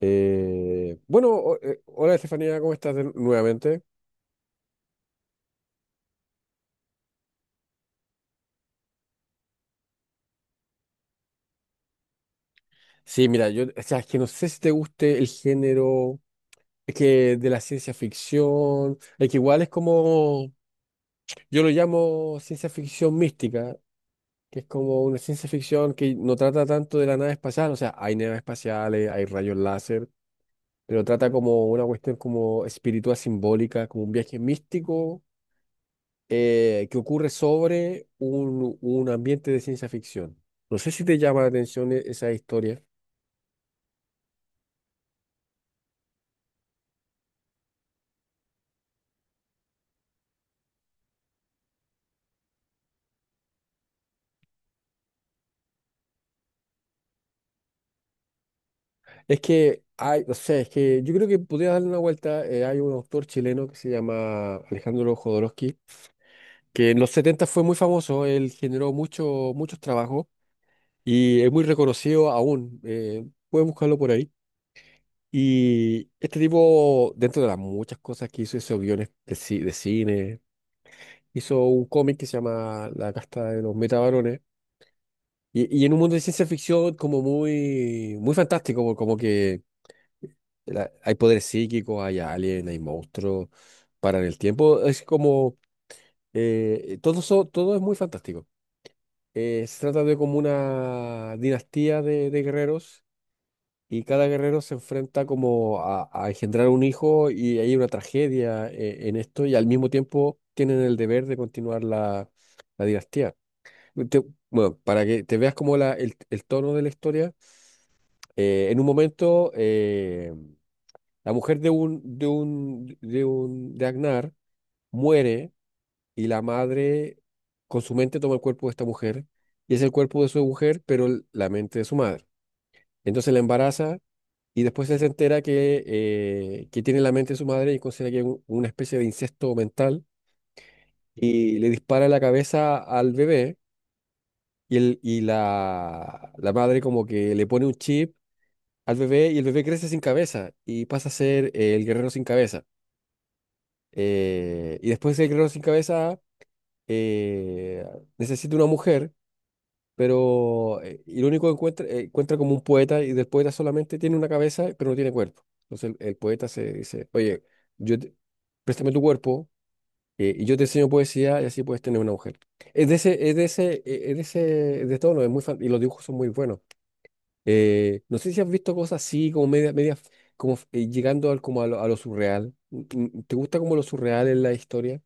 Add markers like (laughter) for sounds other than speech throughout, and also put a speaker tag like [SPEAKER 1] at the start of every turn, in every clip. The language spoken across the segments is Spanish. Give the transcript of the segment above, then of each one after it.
[SPEAKER 1] Hola Estefanía, ¿cómo estás nuevamente? Sí, mira, yo, o sea, es que no sé si te guste el género, es que de la ciencia ficción, es que igual es como, yo lo llamo ciencia ficción mística, que es como una ciencia ficción que no trata tanto de la nave espacial, o sea, hay naves espaciales, hay rayos láser, pero trata como una cuestión como espiritual simbólica, como un viaje místico, que ocurre sobre un ambiente de ciencia ficción. No sé si te llama la atención esa historia. Es que hay, no sé, es que yo creo que podría darle una vuelta. Hay un autor chileno que se llama Alejandro Jodorowsky, que en los 70 fue muy famoso, él generó muchos trabajos y es muy reconocido aún. Pueden buscarlo por ahí. Y este tipo, dentro de las muchas cosas que hizo, hizo guiones de cine, hizo un cómic que se llama La Casta de los Metabarones. Y en un mundo de ciencia ficción como muy, muy fantástico, como que hay poderes psíquicos, hay aliens, hay monstruos, paran el tiempo. Es como, todo, todo es muy fantástico. Se trata de como una dinastía de guerreros y cada guerrero se enfrenta como a engendrar un hijo y hay una tragedia, en esto y al mismo tiempo tienen el deber de continuar la dinastía. Te- bueno, para que te veas como el tono de la historia. En un momento, la mujer de Agnar muere y la madre con su mente toma el cuerpo de esta mujer y es el cuerpo de su mujer, pero la mente de su madre. Entonces la embaraza y después él se entera que tiene la mente de su madre y considera que es una especie de incesto mental y le dispara en la cabeza al bebé la madre como que le pone un chip al bebé y el bebé crece sin cabeza y pasa a ser el guerrero sin cabeza. Y después el guerrero sin cabeza eh, necesita una mujer, pero y lo único que encuentra como un poeta y del poeta solamente tiene una cabeza, pero no tiene cuerpo. Entonces el poeta se dice, oye, yo te- préstame tu cuerpo, y yo te enseño poesía y así puedes tener una mujer. Es de ese, es de ese, es de ese, de tono, es y los dibujos son muy buenos. No sé si has visto cosas así, como media, media, como, llegando como a lo surreal. Mm, ¿te gusta como lo surreal en la historia?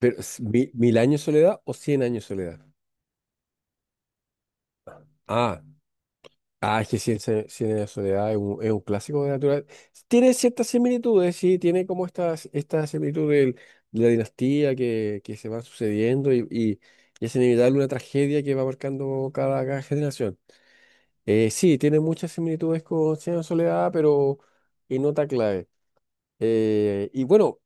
[SPEAKER 1] Pero, ¿Mil años de soledad o Cien años de soledad? Ah, ah, es que Cien años de soledad es es un clásico de natural. Tiene ciertas similitudes, sí, tiene como esta similitud de la dinastía que se va sucediendo y es inevitable una tragedia que va marcando cada generación. Sí, tiene muchas similitudes con Cien años de soledad, pero en nota clave. Y bueno,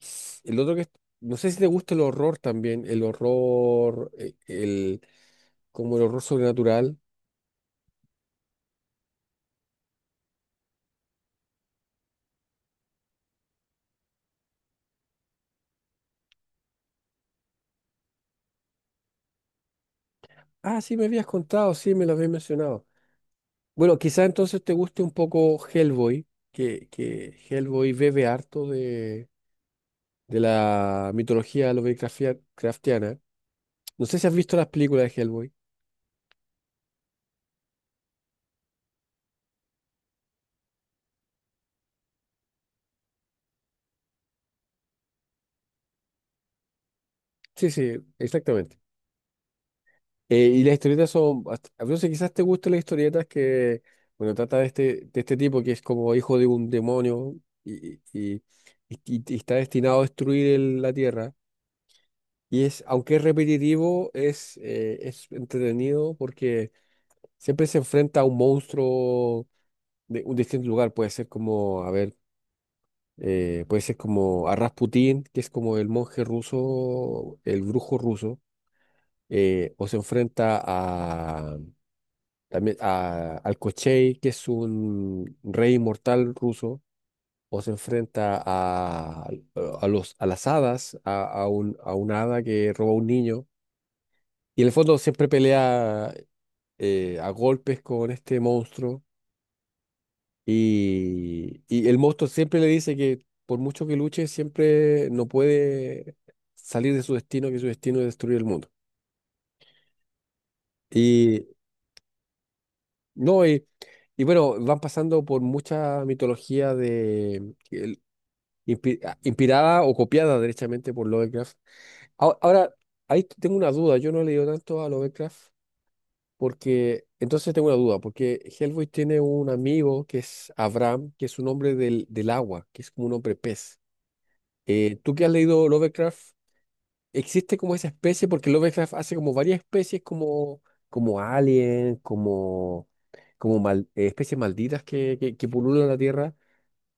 [SPEAKER 1] s- el otro que es- no sé si te gusta el horror también, el horror, como el horror sobrenatural. Ah, sí, me habías contado, sí, me lo habías mencionado. Bueno, quizá entonces te guste un poco Hellboy, que Hellboy bebe harto de la mitología craftiana. No sé si has visto las películas de Hellboy. Sí, sí, exactamente. Y las historietas a veces quizás te gusten las historietas que, bueno, trata de este tipo que es como hijo de un demonio y, y, y está destinado a destruir la Tierra. Y es, aunque es repetitivo, es entretenido porque siempre se enfrenta a un monstruo de un distinto lugar. Puede ser como, a ver, puede ser como a Rasputín, que es como el monje ruso, el brujo ruso, o se enfrenta también al Kochei, que es un rey inmortal ruso, o se enfrenta a las hadas, a una hada que roba a un niño. Y en el fondo siempre pelea, a golpes con este monstruo. Y el monstruo siempre le dice que por mucho que luche, siempre no puede salir de su destino, que su destino es destruir el mundo. Y no, y bueno, van pasando por mucha mitología de... Inspirada o copiada derechamente por Lovecraft. Ahora, ahora, Ahí tengo una duda, yo no he leído tanto a Lovecraft porque, entonces tengo una duda, porque Hellboy tiene un amigo que es Abraham, que es un hombre del agua, que es como un hombre pez. ¿Tú que has leído Lovecraft? ¿Existe como esa especie? Porque Lovecraft hace como varias especies como, como alien, especies malditas que pululan la Tierra.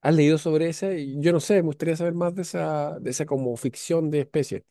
[SPEAKER 1] ¿Has leído sobre esa? Y yo no sé, me gustaría saber más de esa como ficción de especies.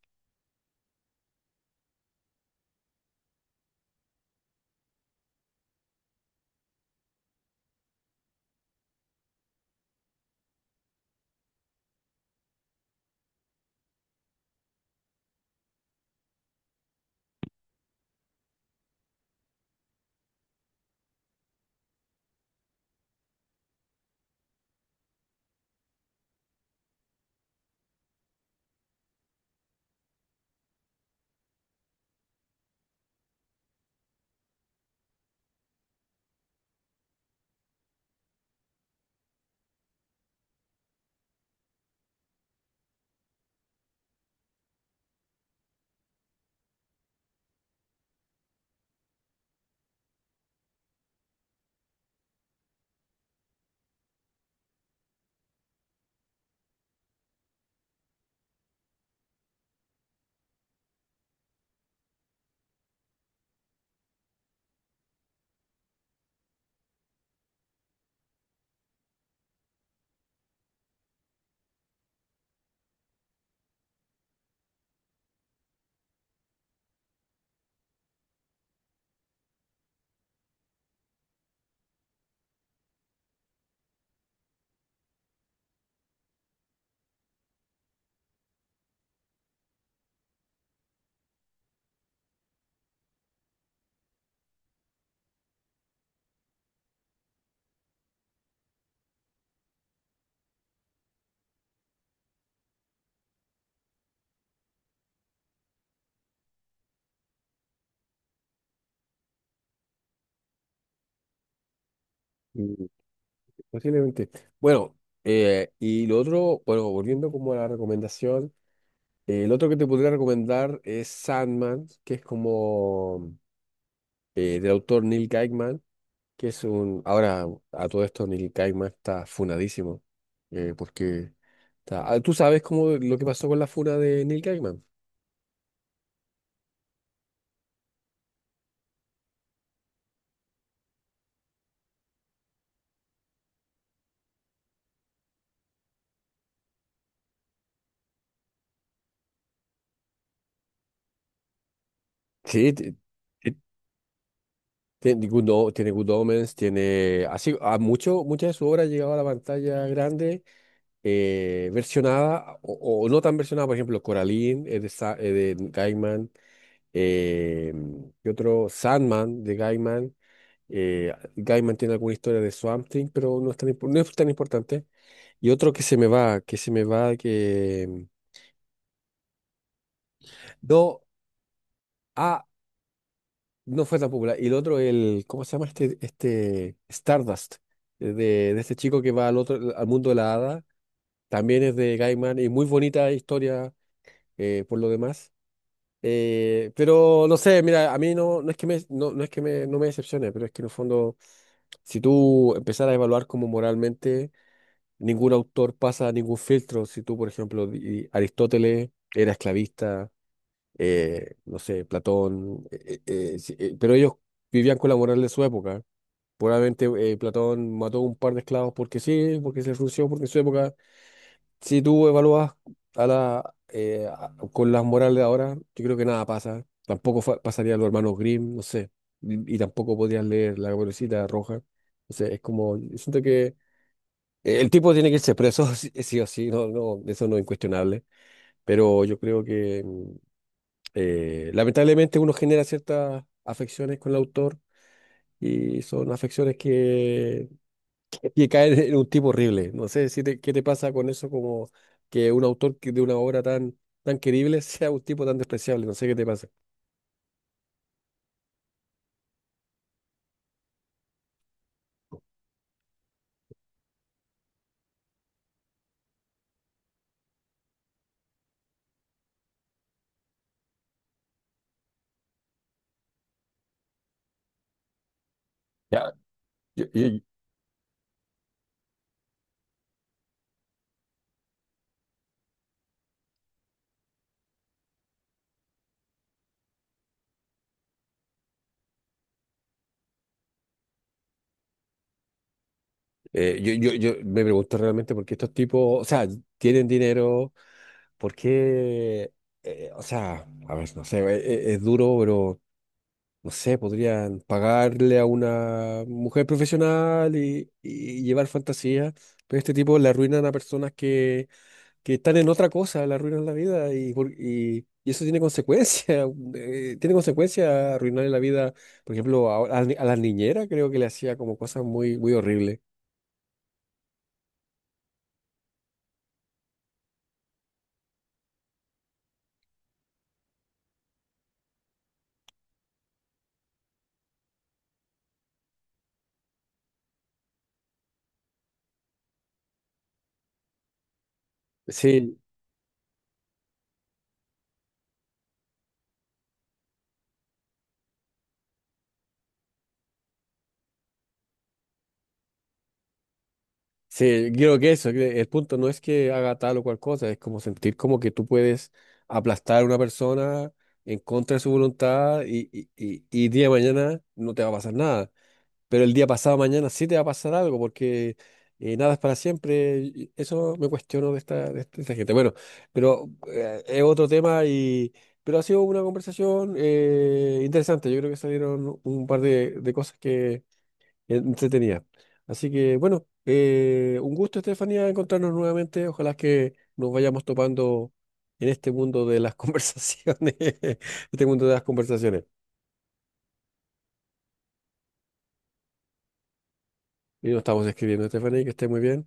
[SPEAKER 1] Mm, posiblemente. Bueno, y lo otro, bueno, volviendo como a la recomendación, el otro que te podría recomendar es Sandman, que es como, del autor Neil Gaiman, ahora a todo esto Neil Gaiman está funadísimo, porque tú sabes cómo lo que pasó con la funa de Neil Gaiman. Sí, te, Tiene Good, tiene Good Omens, tiene así, muchas de su obra ha llegado a la pantalla grande, versionada o no tan versionada, por ejemplo, Coraline es de Gaiman, eh, y otro Sandman de Gaiman. Gaiman tiene alguna historia de Swamp Thing, pero no es tan, no es tan importante. Y otro que se me va, que... No, ah, No, fue tan popular. Y el otro, ¿cómo se llama este Stardust? De este chico que va al otro, al mundo de la hada. También es de Gaiman y muy bonita historia por lo demás. Pero no sé, mira, a mí no es que me, no es que me, no me decepcione, pero es que en el fondo, si tú empezaras a evaluar como moralmente, ningún autor pasa ningún filtro. Si tú, por ejemplo, Aristóteles era esclavista, no sé, Platón, sí, pero ellos vivían con la moral de su época. Probablemente, Platón mató un par de esclavos porque sí, porque se le frunció, porque en su época, si tú evalúas con las morales de ahora, yo creo que nada pasa. Tampoco pasaría a los hermanos Grimm, no sé, y tampoco podrías leer La Caperucita Roja. No sé, es como, yo siento que, el tipo tiene que irse preso, (laughs) sí, sí o sí, no, no, eso no es incuestionable, pero yo creo que... lamentablemente uno genera ciertas afecciones con el autor y son afecciones que caen en un tipo horrible. No sé si te- qué te pasa con eso, como que un autor que de una obra tan, tan querible (laughs) sea un tipo tan despreciable. No sé qué te pasa. Yo, yo me pregunto realmente por qué estos tipos, o sea, tienen dinero, por qué, o sea, a ver, no sé, es, duro, pero no sé, podrían pagarle a una mujer profesional y llevar fantasía, pero este tipo le arruinan a personas que están en otra cosa, le arruinan la vida y eso tiene consecuencias, (laughs) tiene consecuencias arruinarle la vida, por ejemplo, a, ni- a las niñeras creo que le hacía como cosas muy, muy horribles. Sí, sí, creo que eso, que el punto no es que haga tal o cual cosa, es como sentir como que tú puedes aplastar a una persona en contra de su voluntad y día de mañana no te va a pasar nada, pero el día pasado mañana sí te va a pasar algo porque, nada es para siempre, y eso me cuestiono de esta gente. Bueno, pero, es otro tema y... Pero ha sido una conversación, interesante, yo creo que salieron un par de cosas entretenida. Así que bueno, un gusto, Estefanía, encontrarnos nuevamente. Ojalá que nos vayamos topando en este mundo de las (laughs) conversaciones, este mundo de las conversaciones. Y nos estamos escribiendo, Estefanía, que esté muy bien.